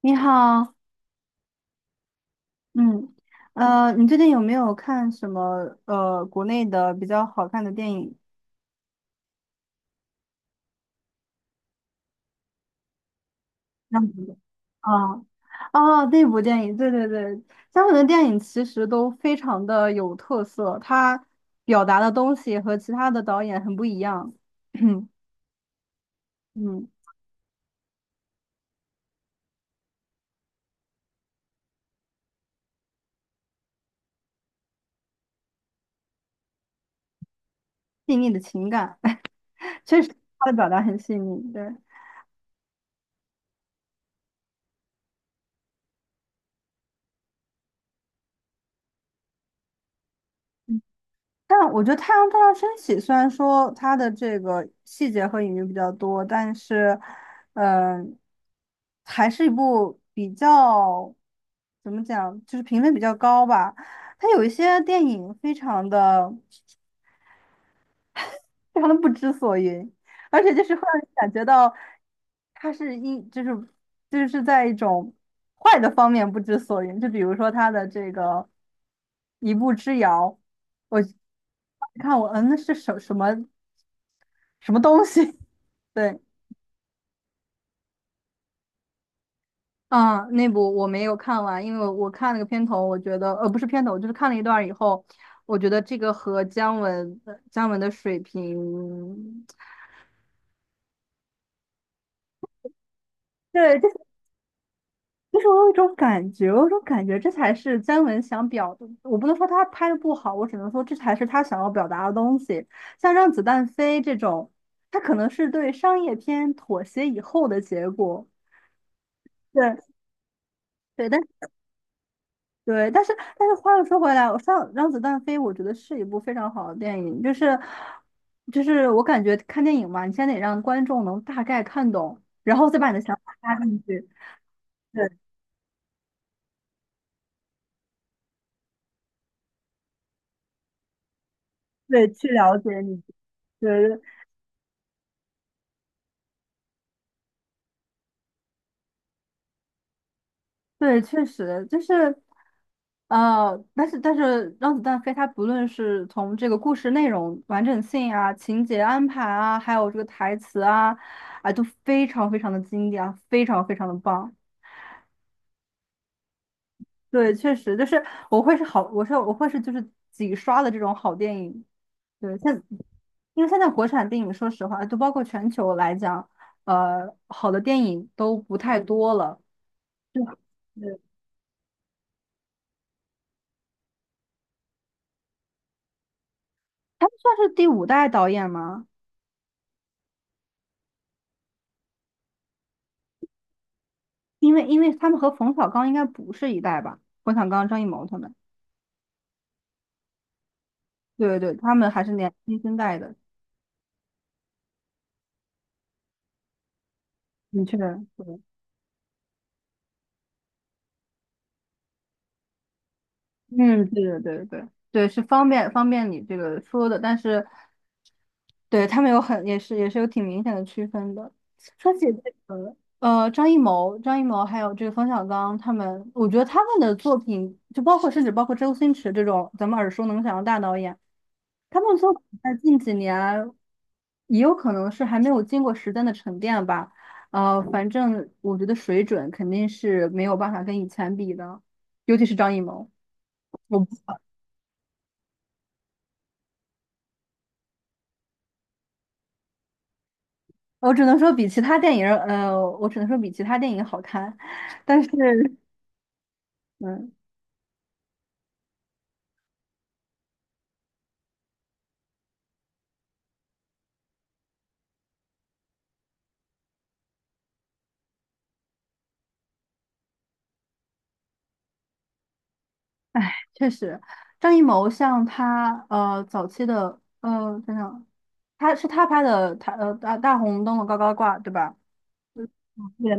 你好。嗯。你最近有没有看什么国内的比较好看的电影？那部啊，哦，那部电影，对对对。香港的电影其实都非常的有特色，它表达的东西和其他的导演很不一样。嗯。细腻的情感。确实他的表达很细腻，对。但我觉得《太阳照常升起》虽然说它的这个细节和隐喻比较多，但是嗯、还是一部比较怎么讲，就是评分比较高吧。它有一些电影非常的不知所云，而且就是会让人感觉到他是一就是就是在一种坏的方面不知所云，就比如说他的这个一步之遥，我看那是什么东西？对。啊，那部我没有看完，因为我看了个片头，我觉得不是片头，就是看了一段儿以后，我觉得这个和姜文的水平。对。这就是我有一种感觉，这才是姜文想表，我不能说他拍的不好，我只能说这才是他想要表达的东西。像《让子弹飞》这种，它可能是对商业片妥协以后的结果。对对。但是话又说回来，我上《让子弹飞》，我觉得是一部非常好的电影，就是我感觉看电影嘛，你先得让观众能大概看懂，然后再把你的想法加进去。对对，去了解你。对，对，确实就是。但是《让子弹飞》它不论是从这个故事内容完整性啊、情节安排啊，还有这个台词啊，啊，都非常非常的经典啊，非常非常的棒。对，确实就是我会是就是几刷的这种好电影。对，因为现在国产电影，说实话，就包括全球来讲，好的电影都不太多了。对。对他们算是第五代导演吗？因为他们和冯小刚应该不是一代吧？冯小刚、张艺谋他们，对对对，他们还是新一代的。的确。对。嗯，对对对对对，是方便方便你这个说的，但是对他们也是有挺明显的区分的。说起这个，张艺谋还有这个冯小刚他们，我觉得他们的作品，就包括甚至包括周星驰这种咱们耳熟能详的大导演，他们作品在近几年也有可能是还没有经过时间的沉淀吧。反正我觉得水准肯定是没有办法跟以前比的，尤其是张艺谋。我。我只能说比其他电影好看，但是。嗯，哎，确实。张艺谋像他，早期的，等等，他拍的，他大红灯笼高高挂，对吧？对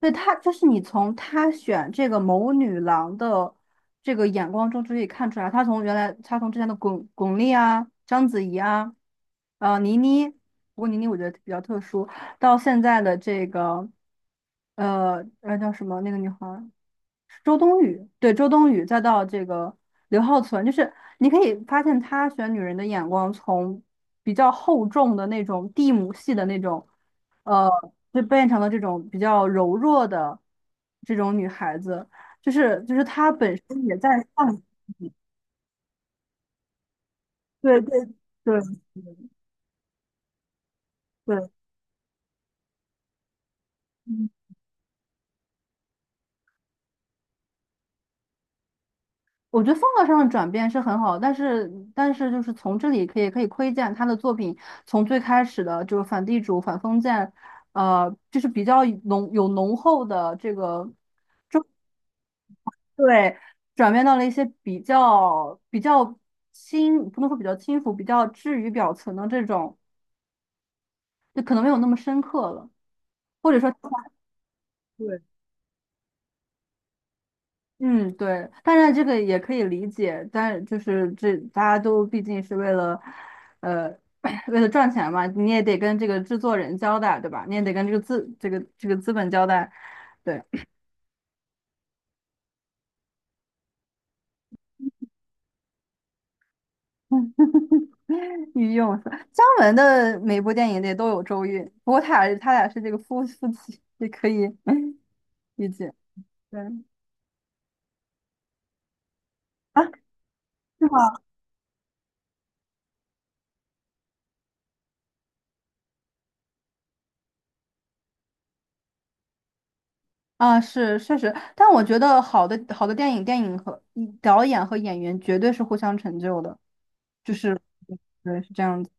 对就是你从他选这个谋女郎的这个眼光中就可以看出来，他从原来他从之前的巩俐啊、章子怡啊、倪妮，不过倪妮我觉得比较特殊，到现在的这个叫什么那个女孩儿，周冬雨，对，周冬雨，再到这个刘浩存，就是你可以发现他选女人的眼光从比较厚重的那种地母系的那种，呃，就变成了这种比较柔弱的这种女孩子，就是她本身也在放，对对对对，我觉得风格上的转变是很好，但是就是从这里可以窥见他的作品从最开始的就是反地主、反封建，就是比较浓厚的这个对，转变到了一些比较轻，不能说比较轻浮，比较置于表层的这种，就可能没有那么深刻了，或者说。对。嗯，对，当然这个也可以理解，但就是这大家都毕竟是为了，呃，为了赚钱嘛，你也得跟这个制作人交代，对吧？你也得跟这个资本交代，对。御用是姜文的每部电影里都有周韵，不过他俩是这个夫妻，也可以 理解。对啊，是吗？啊，是确实，但我觉得好的好的电影，电影和导演和演员绝对是互相成就的。就是对，是这样子。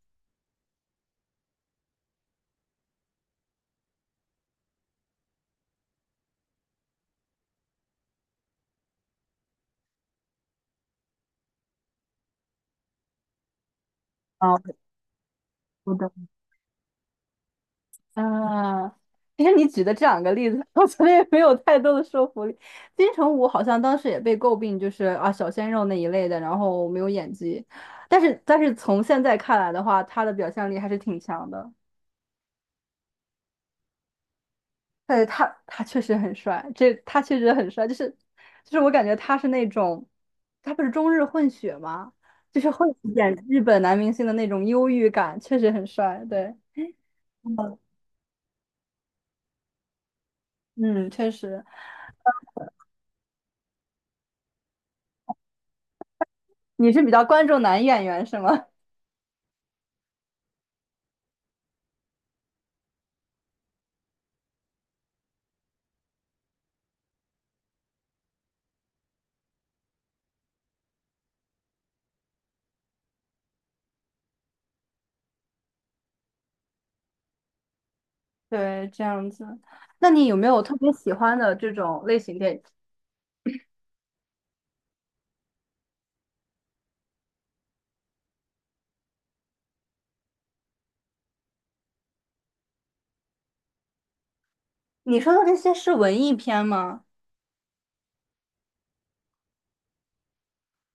啊，我懂。啊，其实你举的这两个例子，我觉得也没有太多的说服力。金城武好像当时也被诟病，就是啊小鲜肉那一类的，然后没有演技。但是从现在看来的话，他的表现力还是挺强的。对，他确实很帅，这他确实很帅，就是我感觉他是那种，他不是中日混血吗？就是会演日本男明星的那种忧郁感，确实很帅。对。嗯，嗯确实。你是比较关注男演员是吗？对，这样子。那你有没有特别喜欢的这种类型电影？你说的这些是文艺片吗？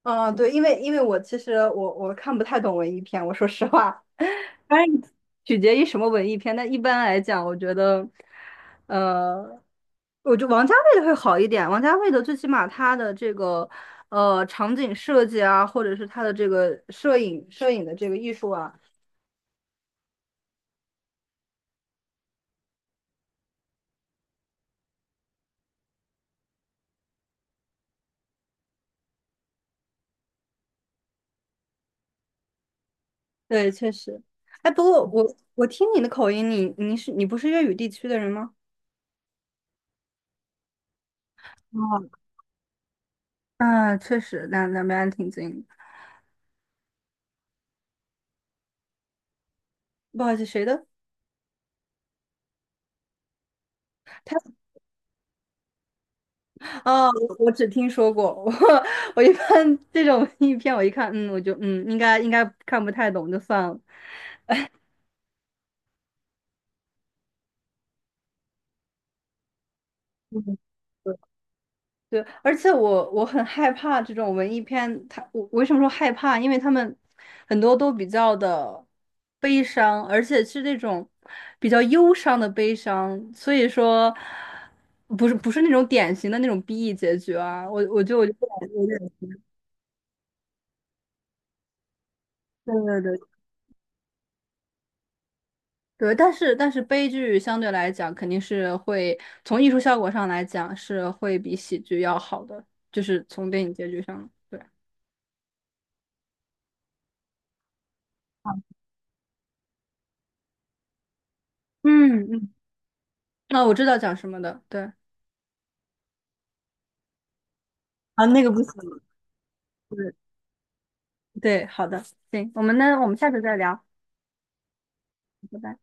嗯，对，因为我其实我看不太懂文艺片，我说实话。当然取决于什么文艺片。但一般来讲，我觉得，呃，我觉得王家卫的会好一点。王家卫的最起码他的这个场景设计啊，或者是他的这个摄影的这个艺术啊。对，确实。哎，不过我听你的口音，你不是粤语地区的人吗？哦。嗯，确实，两边挺近的。不好意思，谁的？他哦，我只听说过。我一般这种 影片，我一看，我就应该看不太懂，就算了。嗯，对，而且我很害怕这种文艺片，我为什么说害怕？因为他们很多都比较的悲伤，而且是那种比较忧伤的悲伤，所以说不是那种典型的那种 BE 结局啊，我就不敢有点对对对。对，但是悲剧相对来讲肯定是会从艺术效果上来讲是会比喜剧要好的，就是从电影结局上，对，嗯嗯，那我知道讲什么的，对。啊，那个不行，对对，好的，行，我们下次再聊，拜拜。